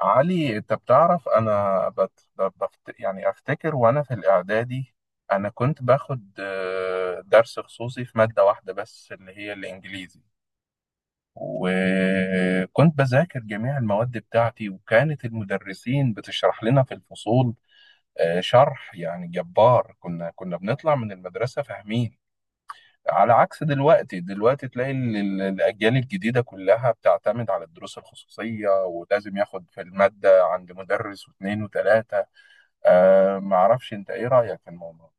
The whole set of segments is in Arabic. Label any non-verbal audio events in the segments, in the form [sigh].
علي، انت بتعرف، انا يعني افتكر وانا في الاعدادي. انا كنت باخد درس خصوصي في مادة واحدة بس اللي هي الانجليزي. وكنت بذاكر جميع المواد بتاعتي، وكانت المدرسين بتشرح لنا في الفصول. شرح يعني جبار. كنا بنطلع من المدرسة فاهمين. على عكس دلوقتي. دلوقتي تلاقي الأجيال الجديدة كلها بتعتمد على الدروس الخصوصية، ولازم ياخد في المادة عند مدرس واثنين وثلاثة. معرفش، أنت إيه رأيك في الموضوع؟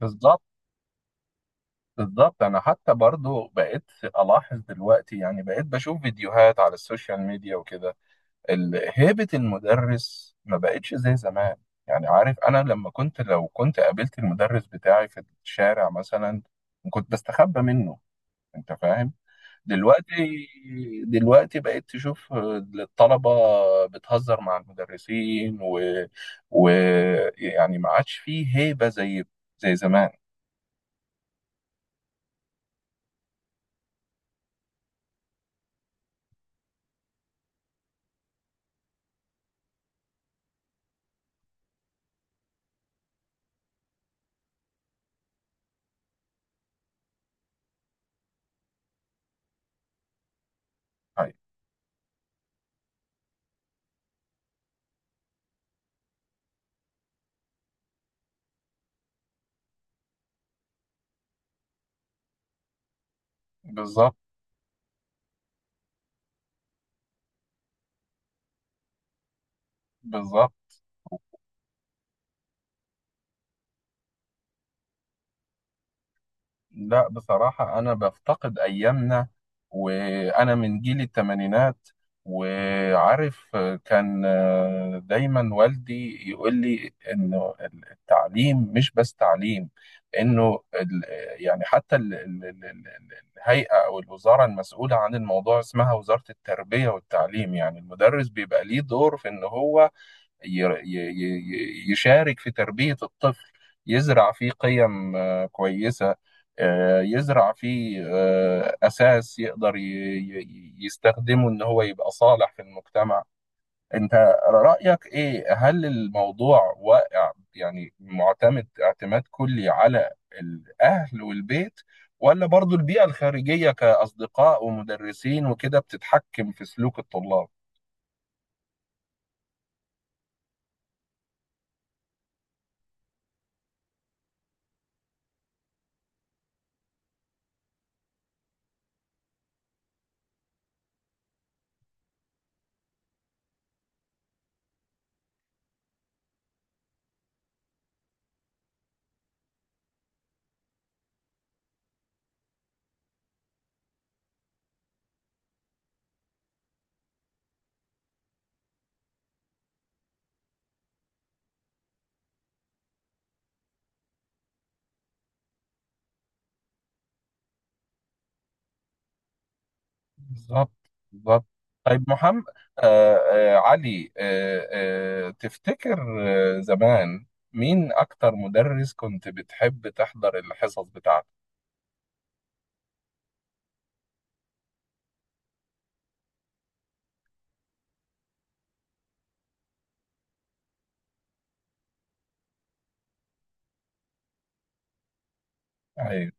بالظبط. بالظبط، أنا حتى برضو بقيت ألاحظ دلوقتي، يعني بقيت بشوف فيديوهات على السوشيال ميديا وكده. هيبة المدرس ما بقتش زي زمان. يعني عارف، أنا لما كنت لو كنت قابلت المدرس بتاعي في الشارع مثلا، كنت بستخبى منه. أنت فاهم؟ دلوقتي، دلوقتي بقيت تشوف الطلبة بتهزر مع المدرسين، ويعني ما عادش فيه هيبة زي زمان. أيوة. بالظبط. بالظبط، لا بصراحة أنا بفتقد أيامنا. وأنا من جيل التمانينات. وعارف، كان دايما والدي يقول لي إنه التعليم مش بس تعليم. إنه يعني حتى الهيئة أو الوزارة المسؤولة عن الموضوع اسمها وزارة التربية والتعليم. يعني المدرس بيبقى ليه دور في إن هو يشارك في تربية الطفل. يزرع فيه قيم كويسة. يزرع فيه أساس يقدر يستخدمه إن هو يبقى صالح في المجتمع. أنت رأيك إيه؟ هل الموضوع واقع، يعني معتمد اعتماد كلي على الأهل والبيت، ولا برضو البيئة الخارجية كأصدقاء ومدرسين وكده بتتحكم في سلوك الطلاب؟ بالظبط. بالظبط، طيب محمد، علي، تفتكر زمان، مين أكتر مدرس كنت بتحب تحضر الحصص بتاعته؟ أيوه.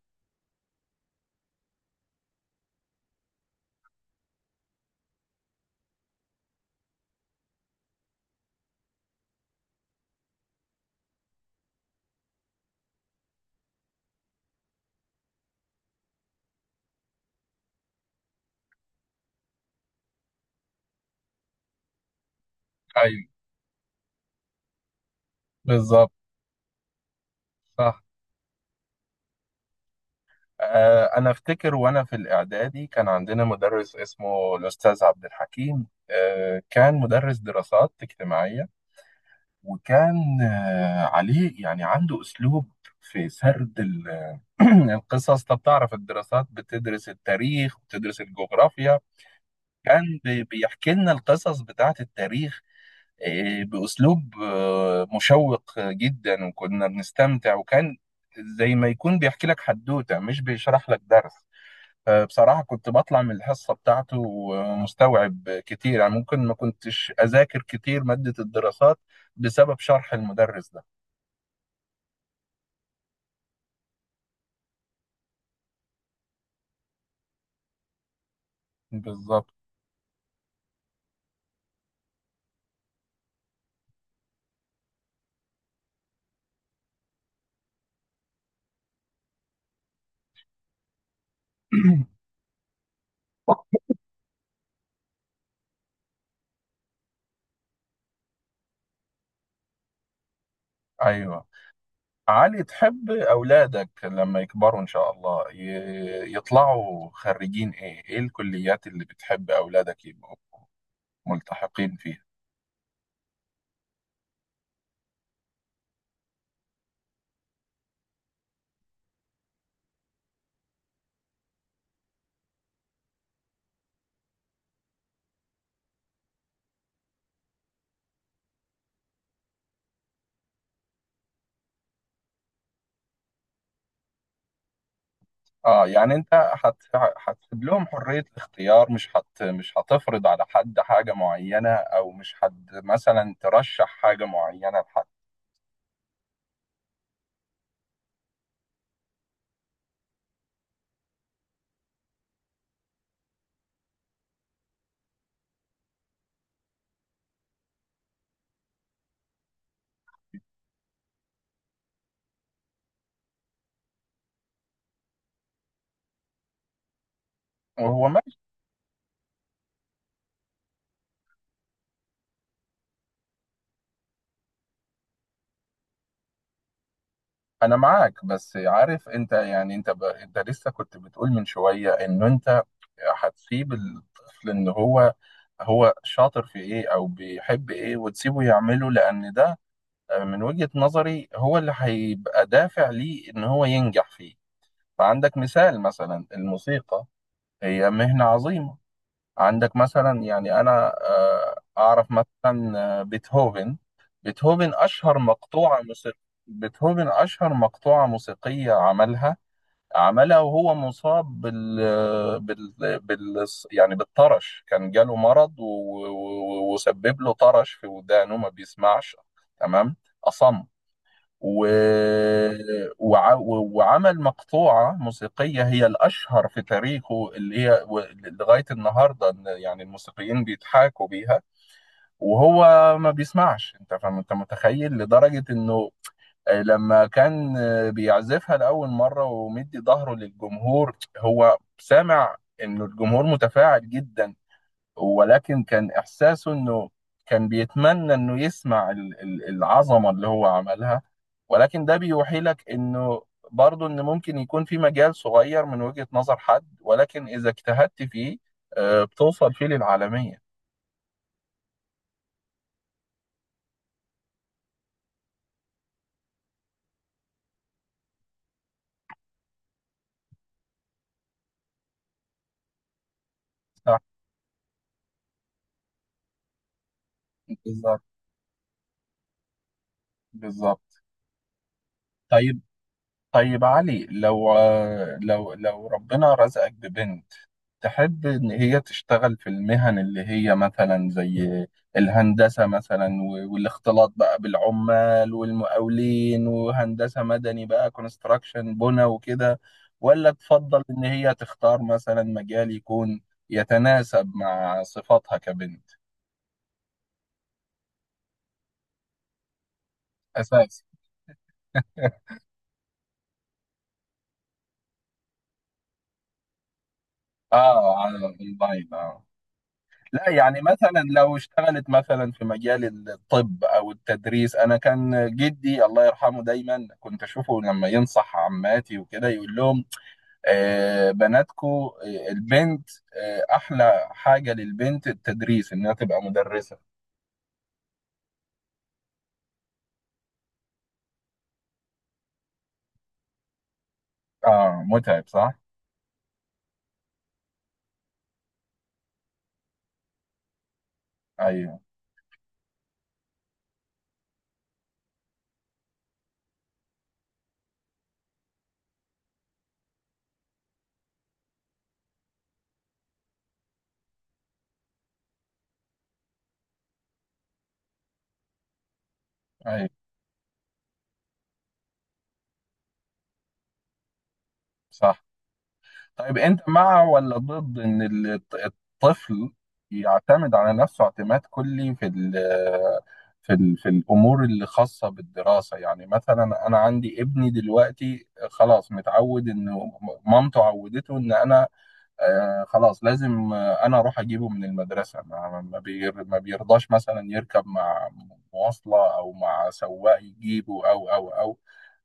أيوه، بالظبط. صح. أنا أفتكر وأنا في الإعدادي كان عندنا مدرس اسمه الأستاذ عبد الحكيم، كان مدرس دراسات اجتماعية. وكان عليه يعني عنده أسلوب في سرد [clears throat] القصص. طب تعرف، الدراسات بتدرس التاريخ وبتدرس الجغرافيا. كان بيحكي لنا القصص بتاعت التاريخ، بأسلوب مشوق جدا، وكنا بنستمتع. وكان زي ما يكون بيحكي لك حدوتة، مش بيشرح لك درس. فبصراحة كنت بطلع من الحصة بتاعته مستوعب كتير، يعني ممكن ما كنتش أذاكر كتير مادة الدراسات، بسبب شرح المدرس ده. بالظبط. [clears throat] أيوه. علي، تحب أولادك لما يكبروا إن شاء الله يطلعوا خريجين إيه؟ إيه الكليات اللي بتحب أولادك يبقوا ملتحقين فيها؟ يعني أنت هتسيب لهم حرية الاختيار، مش هتفرض على حد حاجة معينة، أو مش حد مثلا ترشح حاجة معينة لحد؟ وهو ماشي. أنا معاك، بس عارف أنت، يعني أنت أنت لسه كنت بتقول من شوية إنه أنت هتسيب الطفل ان هو شاطر في ايه او بيحب ايه، وتسيبه يعمله، لان ده من وجهة نظري هو اللي هيبقى دافع ليه ان هو ينجح فيه. فعندك مثال مثلا الموسيقى، هي مهنة عظيمة. عندك مثلا، يعني انا اعرف مثلا بيتهوفن. بيتهوفن اشهر مقطوعة موسيقى بيتهوفن اشهر مقطوعة موسيقية عملها. عملها وهو مصاب بال... بال... بال يعني بالطرش. كان جاله مرض وسبب له طرش في ودانه، ما بيسمعش. تمام. أصم و... وع... وعمل مقطوعة موسيقية هي الأشهر في تاريخه اللي هي لغاية النهاردة إن يعني الموسيقيين بيضحكوا بيها. وهو ما بيسمعش. أنت فاهم؟ أنت متخيل لدرجة إنه لما كان بيعزفها لأول مرة ومدي ظهره للجمهور، هو سامع إنه الجمهور متفاعل جدا. ولكن كان إحساسه إنه كان بيتمنى إنه يسمع العظمة اللي هو عملها. ولكن ده بيوحي لك إنه برضه إن ممكن يكون في مجال صغير من وجهة نظر حد، ولكن إذا اجتهدت فيه بتوصل فيه للعالمية. صح. بالظبط. بالظبط، طيب. طيب علي، لو ربنا رزقك ببنت، تحب إن هي تشتغل في المهن اللي هي مثلا زي الهندسة مثلا، والاختلاط بقى بالعمال والمقاولين، وهندسة مدني بقى كونستراكشن بنا وكده، ولا تفضل إن هي تختار مثلا مجال يكون يتناسب مع صفاتها كبنت؟ أساسي. [laughs] آه، على الأونلاين. لا، يعني مثلا لو اشتغلت مثلا في مجال الطب او التدريس، انا كان جدي الله يرحمه دايما كنت اشوفه لما ينصح عماتي وكده يقول لهم: بناتكو، البنت، احلى حاجة للبنت التدريس، انها تبقى مدرسة. اه، متعب. صح. ايوه. ايوه، صح. طيب انت مع ولا ضد ان الطفل يعتمد على نفسه اعتماد كلي في الامور اللي خاصه بالدراسه؟ يعني مثلا انا عندي ابني دلوقتي خلاص متعود انه مامته عودته ان انا خلاص لازم انا اروح اجيبه من المدرسه. ما بيرضاش مثلا يركب مع مواصله او مع سواق يجيبه، او او او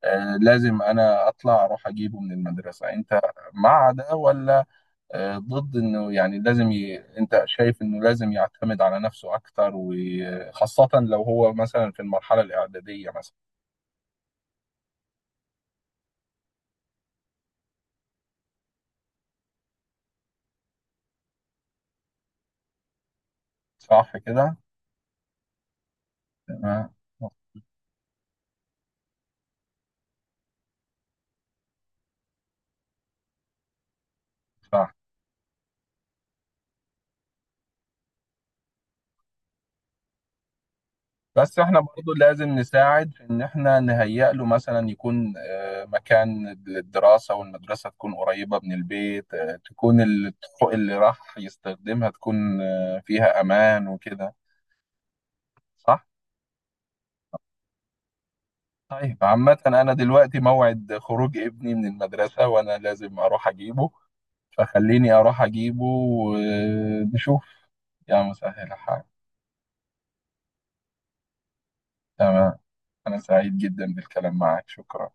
لازم انا اطلع اروح اجيبه من المدرسه. انت مع ده ولا ضد انه؟ يعني لازم انت شايف انه لازم يعتمد على نفسه اكتر، وخاصه لو هو مثلا في المرحله الاعداديه مثلا؟ صح كده. تمام. صح. بس احنا برضو لازم نساعد في ان احنا نهيئ له، مثلا يكون مكان للدراسة، والمدرسة تكون قريبة من البيت، تكون الطرق اللي راح يستخدمها تكون فيها امان وكده. صح؟ طيب عامة، انا دلوقتي موعد خروج ابني من المدرسة، وانا لازم اروح اجيبه. فخليني اروح اجيبه، ونشوف. يا مسهل الحال. تمام. انا سعيد جدا بالكلام معك. شكرا.